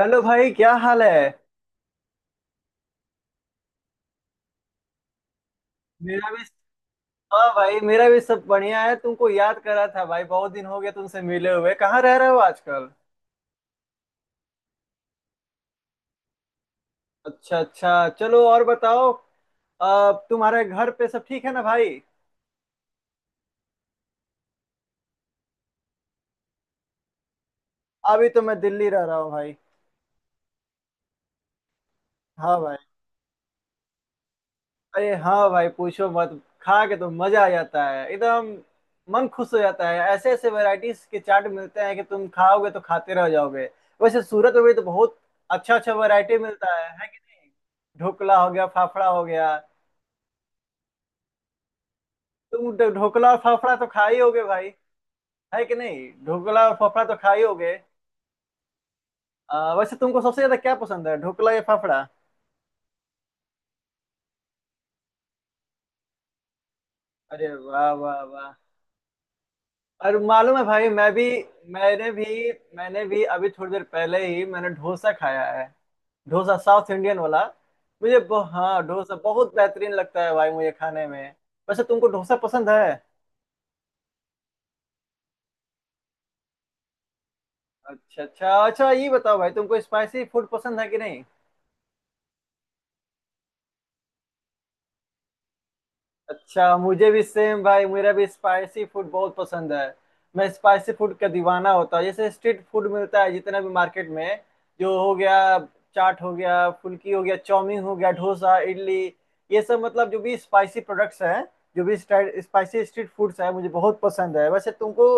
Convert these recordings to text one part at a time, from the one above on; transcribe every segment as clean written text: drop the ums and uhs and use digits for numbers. Hello भाई, क्या हाल है। मेरा भी। हाँ भाई, मेरा भी सब बढ़िया है। तुमको याद करा था भाई, बहुत दिन हो गया तुमसे मिले हुए। कहाँ रह रहे हो आजकल? अच्छा अच्छा, चलो और बताओ। अब तुम्हारे घर पे सब ठीक है ना भाई? अभी तो मैं दिल्ली रह रहा हूँ भाई। हाँ भाई। अरे हाँ भाई, पूछो मत, खा के तो मजा आ जाता है एकदम। मन खुश हो जाता है। ऐसे ऐसे वैरायटीज के चाट मिलते हैं कि तुम खाओगे तो खाते रह जाओगे। वैसे सूरत में भी तो बहुत अच्छा अच्छा वैरायटी मिलता है कि नहीं? ढोकला हो गया, फाफड़ा हो गया। तुम ढोकला और फाफड़ा तो खाए ही होगे भाई। है कि नहीं, ढोकला और फाफड़ा तो खाए ही होगे? वैसे तुमको सबसे ज्यादा क्या पसंद है, ढोकला या फाफड़ा? अरे वाह वाह वाह। और मालूम है भाई, मैं भी मैंने भी मैंने भी अभी थोड़ी देर पहले ही मैंने डोसा खाया है। डोसा साउथ इंडियन वाला। हाँ, डोसा बहुत बेहतरीन लगता है भाई मुझे खाने में। वैसे तुमको डोसा पसंद है? अच्छा अच्छा अच्छा, ये बताओ भाई तुमको स्पाइसी फूड पसंद है कि नहीं? अच्छा, मुझे भी सेम भाई, मेरा भी स्पाइसी फूड बहुत पसंद है। मैं स्पाइसी फूड का दीवाना होता हूँ। जैसे स्ट्रीट फूड मिलता है जितना भी मार्केट में, जो हो गया चाट हो गया, फुल्की हो गया, चाउमीन हो गया, डोसा, इडली, ये सब मतलब जो भी स्पाइसी प्रोडक्ट्स हैं, जो भी स्पाइसी स्ट्रीट फूड्स हैं, मुझे बहुत पसंद है। वैसे तुमको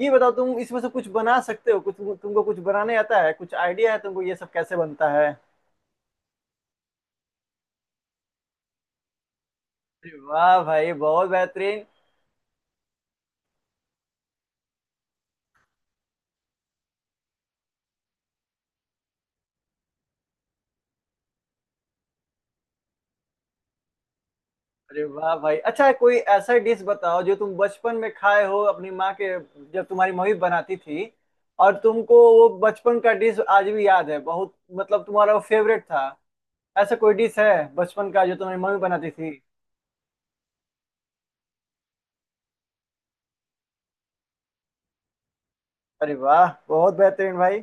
ये बताओ, तुम इसमें से कुछ बना सकते हो? कुछ तुमको कुछ बनाने आता है? कुछ आइडिया है तुमको ये सब कैसे बनता है? अरे वाह भाई, बहुत बेहतरीन। अरे वाह भाई, अच्छा कोई ऐसा डिश बताओ जो तुम बचपन में खाए हो अपनी माँ के, जब तुम्हारी मम्मी बनाती थी, और तुमको वो बचपन का डिश आज भी याद है, बहुत मतलब तुम्हारा वो फेवरेट था। ऐसा कोई डिश है बचपन का जो तुम्हारी मम्मी बनाती थी? अरे वाह, बहुत बेहतरीन भाई।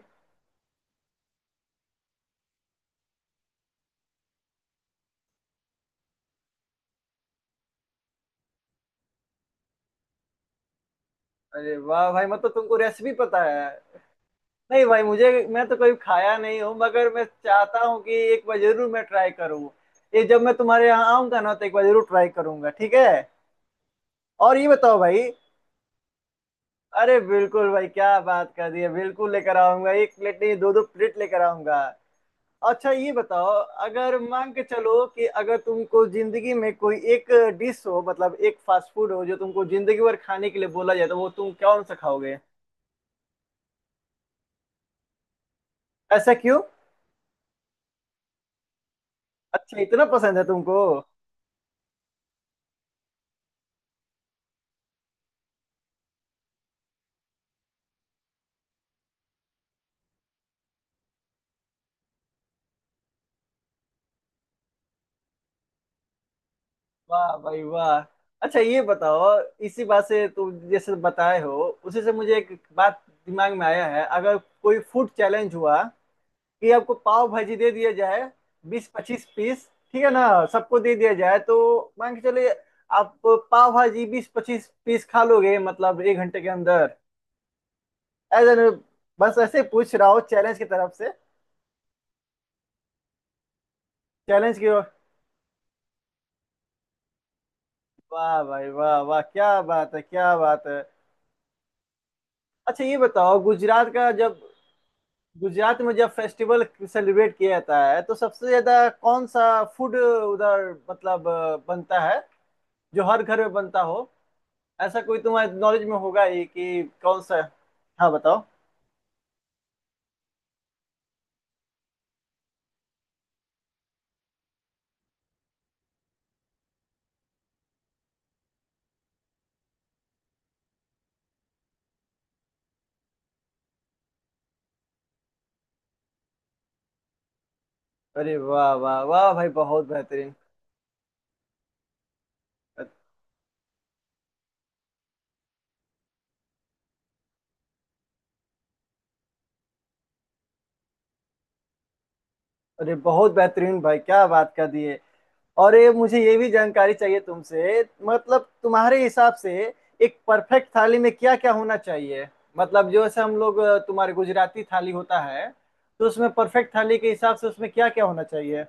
अरे वाह भाई, मतलब तुमको रेसिपी पता है। नहीं भाई, मुझे मैं तो कभी खाया नहीं हूँ, मगर मैं चाहता हूँ कि एक बार जरूर मैं ट्राई करूँ। ये जब मैं तुम्हारे यहाँ आऊंगा ना, तो एक बार जरूर ट्राई करूंगा, ठीक है। और ये बताओ भाई। अरे बिल्कुल भाई, क्या बात कर दी है, बिल्कुल लेकर आऊंगा, एक प्लेट नहीं, दो दो प्लेट लेकर आऊंगा। अच्छा ये बताओ, अगर मान के चलो कि अगर तुमको जिंदगी में कोई एक डिश हो, मतलब एक फास्ट फूड हो जो तुमको जिंदगी भर खाने के लिए बोला जाए, तो वो तुम कौन सा खाओगे? ऐसा क्यों? अच्छा, इतना पसंद है तुमको। वाह भाई वाह। अच्छा ये बताओ, इसी बात से तुम जैसे बताए हो, उसी से मुझे एक बात दिमाग में आया है, अगर कोई फूड चैलेंज हुआ कि आपको पाव भाजी दे दिया जाए, 20-25 पीस, ठीक है ना, सबको दे दिया जाए, तो मान के चलिए आप पाव भाजी 20-25 पीस खा लोगे मतलब 1 घंटे के अंदर। एज एन, बस ऐसे पूछ रहा हूँ, चैलेंज की तरफ से। चैलेंज की। वाह भाई वाह वाह, क्या बात है, क्या बात है। अच्छा ये बताओ, गुजरात का जब, गुजरात में जब फेस्टिवल सेलिब्रेट किया जाता है, तो सबसे ज्यादा कौन सा फूड उधर मतलब बनता है, जो हर घर में बनता हो? ऐसा कोई तुम्हारे नॉलेज में होगा ये कि कौन सा है? हाँ बताओ। अरे वाह वाह वाह भाई, बहुत बेहतरीन। अरे बहुत बेहतरीन भाई, क्या बात कर दिए। और ये मुझे ये भी जानकारी चाहिए तुमसे, मतलब तुम्हारे हिसाब से एक परफेक्ट थाली में क्या क्या होना चाहिए? मतलब जो ऐसे हम लोग तुम्हारे गुजराती थाली होता है, तो उसमें परफेक्ट थाली के हिसाब से उसमें क्या क्या होना चाहिए?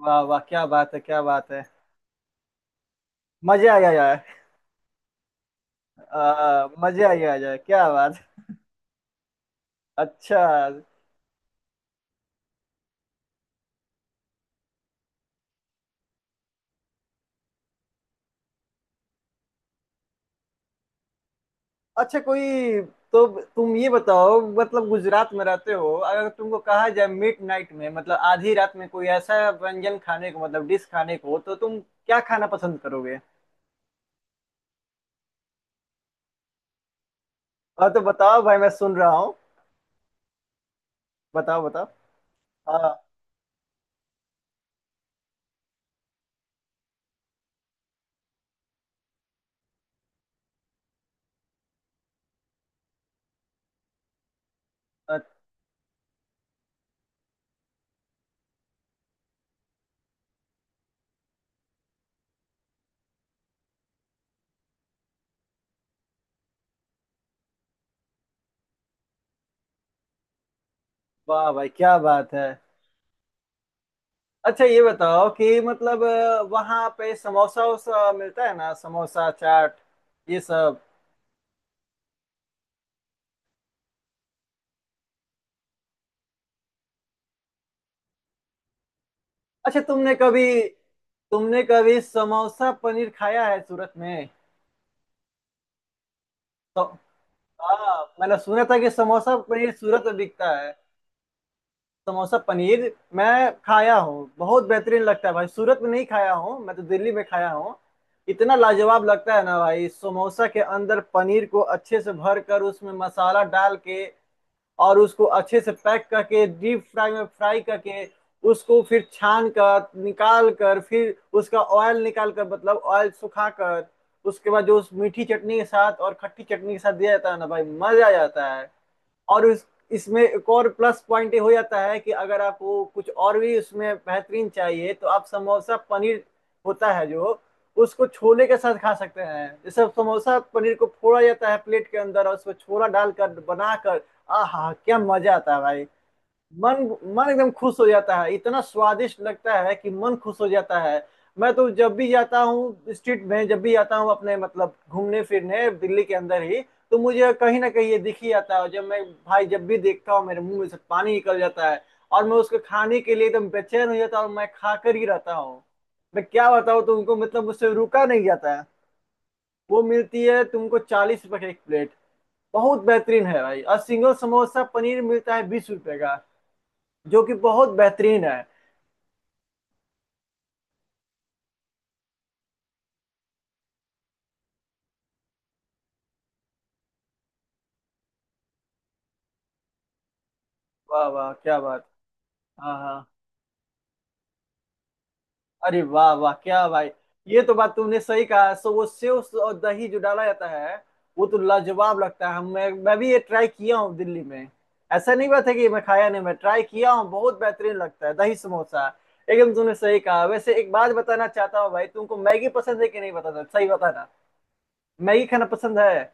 वाह वाह, क्या बात है, क्या बात है। मजे आ गया यार। मजे आ गया यार, क्या बात। अच्छा। अच्छा कोई, तो तुम ये बताओ, मतलब गुजरात में रहते हो, अगर तुमको कहा जाए मिड नाइट में, मतलब आधी रात में कोई ऐसा व्यंजन खाने को, मतलब डिश खाने को, तो तुम क्या खाना पसंद करोगे? हाँ तो बताओ भाई, मैं सुन रहा हूँ। बताओ बताओ। हाँ। अ- वाह भाई, क्या बात है। अच्छा ये बताओ कि मतलब वहाँ पे समोसा वोसा मिलता है ना, समोसा चाट, ये सब। अच्छा तुमने कभी समोसा पनीर खाया है सूरत में? तो हाँ, मैंने सुना था कि समोसा पनीर सूरत में बिकता है। समोसा पनीर मैं खाया हूँ, बहुत बेहतरीन लगता है भाई। सूरत में नहीं खाया हूँ, मैं तो दिल्ली में खाया हूँ। इतना लाजवाब लगता है ना भाई, समोसा के अंदर पनीर को अच्छे से भर कर, उसमें मसाला डाल के, और उसको अच्छे से पैक करके डीप फ्राई में फ्राई करके, उसको फिर छान कर निकाल कर, फिर उसका ऑयल निकाल कर, मतलब ऑयल सुखा कर, उसके बाद जो उस मीठी चटनी के साथ और खट्टी चटनी के साथ दिया जाता है ना भाई, मजा आ जाता है। और उस इसमें एक और प्लस पॉइंट ये हो जाता है कि अगर आपको कुछ और भी उसमें बेहतरीन चाहिए, तो आप समोसा पनीर होता है जो, उसको छोले के साथ खा सकते हैं। जैसे समोसा पनीर को फोड़ा जाता है प्लेट के अंदर और उसको छोला डालकर बनाकर, आहा, क्या मजा आता है भाई। मन मन एकदम खुश हो जाता है, इतना स्वादिष्ट लगता है कि मन खुश हो जाता है। मैं तो जब भी जाता हूँ स्ट्रीट में, जब भी जाता हूँ अपने मतलब घूमने फिरने दिल्ली के अंदर ही, तो मुझे कहीं ना कहीं ये दिख ही आता है। और जब मैं भाई जब भी देखता हूँ, मेरे मुंह में से पानी निकल जाता है। और मैं उसको खाने के लिए एकदम बेचैन हो जाता हूँ, और मैं खा कर ही रहता हूँ। मैं क्या बताऊँ तुमको, मतलब मुझसे रुका नहीं जाता है। वो मिलती है तुमको 40 रुपए की एक प्लेट, बहुत बेहतरीन है भाई। और सिंगल समोसा पनीर मिलता है 20 रुपए का, जो कि बहुत बेहतरीन है। वाह वाह क्या बात। हाँ हाँ। अरे वाह वाह, क्या भाई, ये तो बात तुमने सही कहा। सो वो सेव और दही जो डाला जाता है, वो तो लाजवाब लगता है। मैं भी ये ट्राई किया हूँ दिल्ली में। ऐसा नहीं बात है कि मैं खाया नहीं, मैं ट्राई किया हूँ, बहुत बेहतरीन लगता है दही समोसा। एकदम तुमने सही कहा। वैसे एक बात बताना चाहता हूँ भाई, तुमको मैगी पसंद है कि नहीं, बताना, सही बताना। मैगी खाना पसंद है?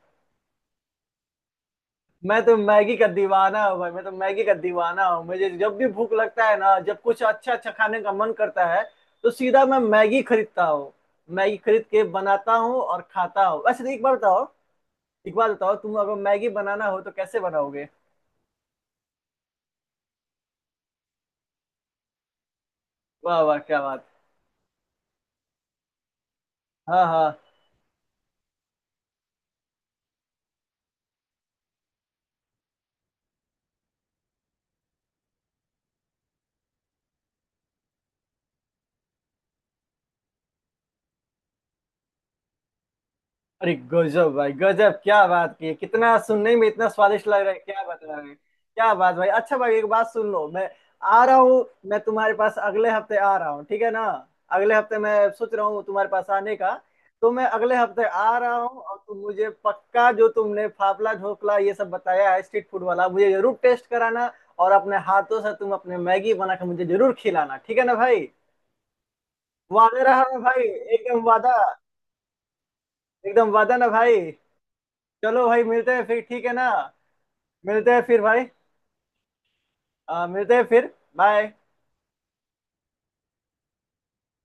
मैं तो मैगी का दीवाना हूँ भाई, मैं तो मैगी का दीवाना हूँ। मुझे जब भी भूख लगता है ना, जब कुछ अच्छा अच्छा खाने का मन करता है, तो सीधा मैं मैगी खरीदता हूँ। मैगी खरीद के बनाता हूँ और खाता हूँ। वैसे तो एक बार बताओ, एक बार बताओ, तुम अगर मैगी बनाना हो तो कैसे बनाओगे? वाह वाह क्या बात। हाँ हाँ। अरे गजब भाई गजब, क्या बात की है, कितना सुनने में इतना स्वादिष्ट लग रहा है, क्या बता रहे हैं। क्या बात भाई। अच्छा भाई, एक बात सुन लो, मैं आ रहा हूँ, मैं तुम्हारे पास अगले हफ्ते आ रहा हूँ, ठीक है ना। अगले हफ्ते मैं सोच रहा हूँ तुम्हारे पास आने का। तो मैं अगले हफ्ते आ रहा हूँ, और तुम मुझे पक्का जो तुमने फाफला ढोकला ये सब बताया है स्ट्रीट फूड वाला, मुझे जरूर टेस्ट कराना। और अपने हाथों से तुम अपने मैगी बनाकर मुझे जरूर खिलाना, ठीक है ना भाई? वादा रहा ना भाई, एकदम वादा। एकदम वादा ना भाई। चलो भाई, मिलते हैं फिर, ठीक है ना। मिलते हैं फिर भाई। मिलते हैं फिर, बाय।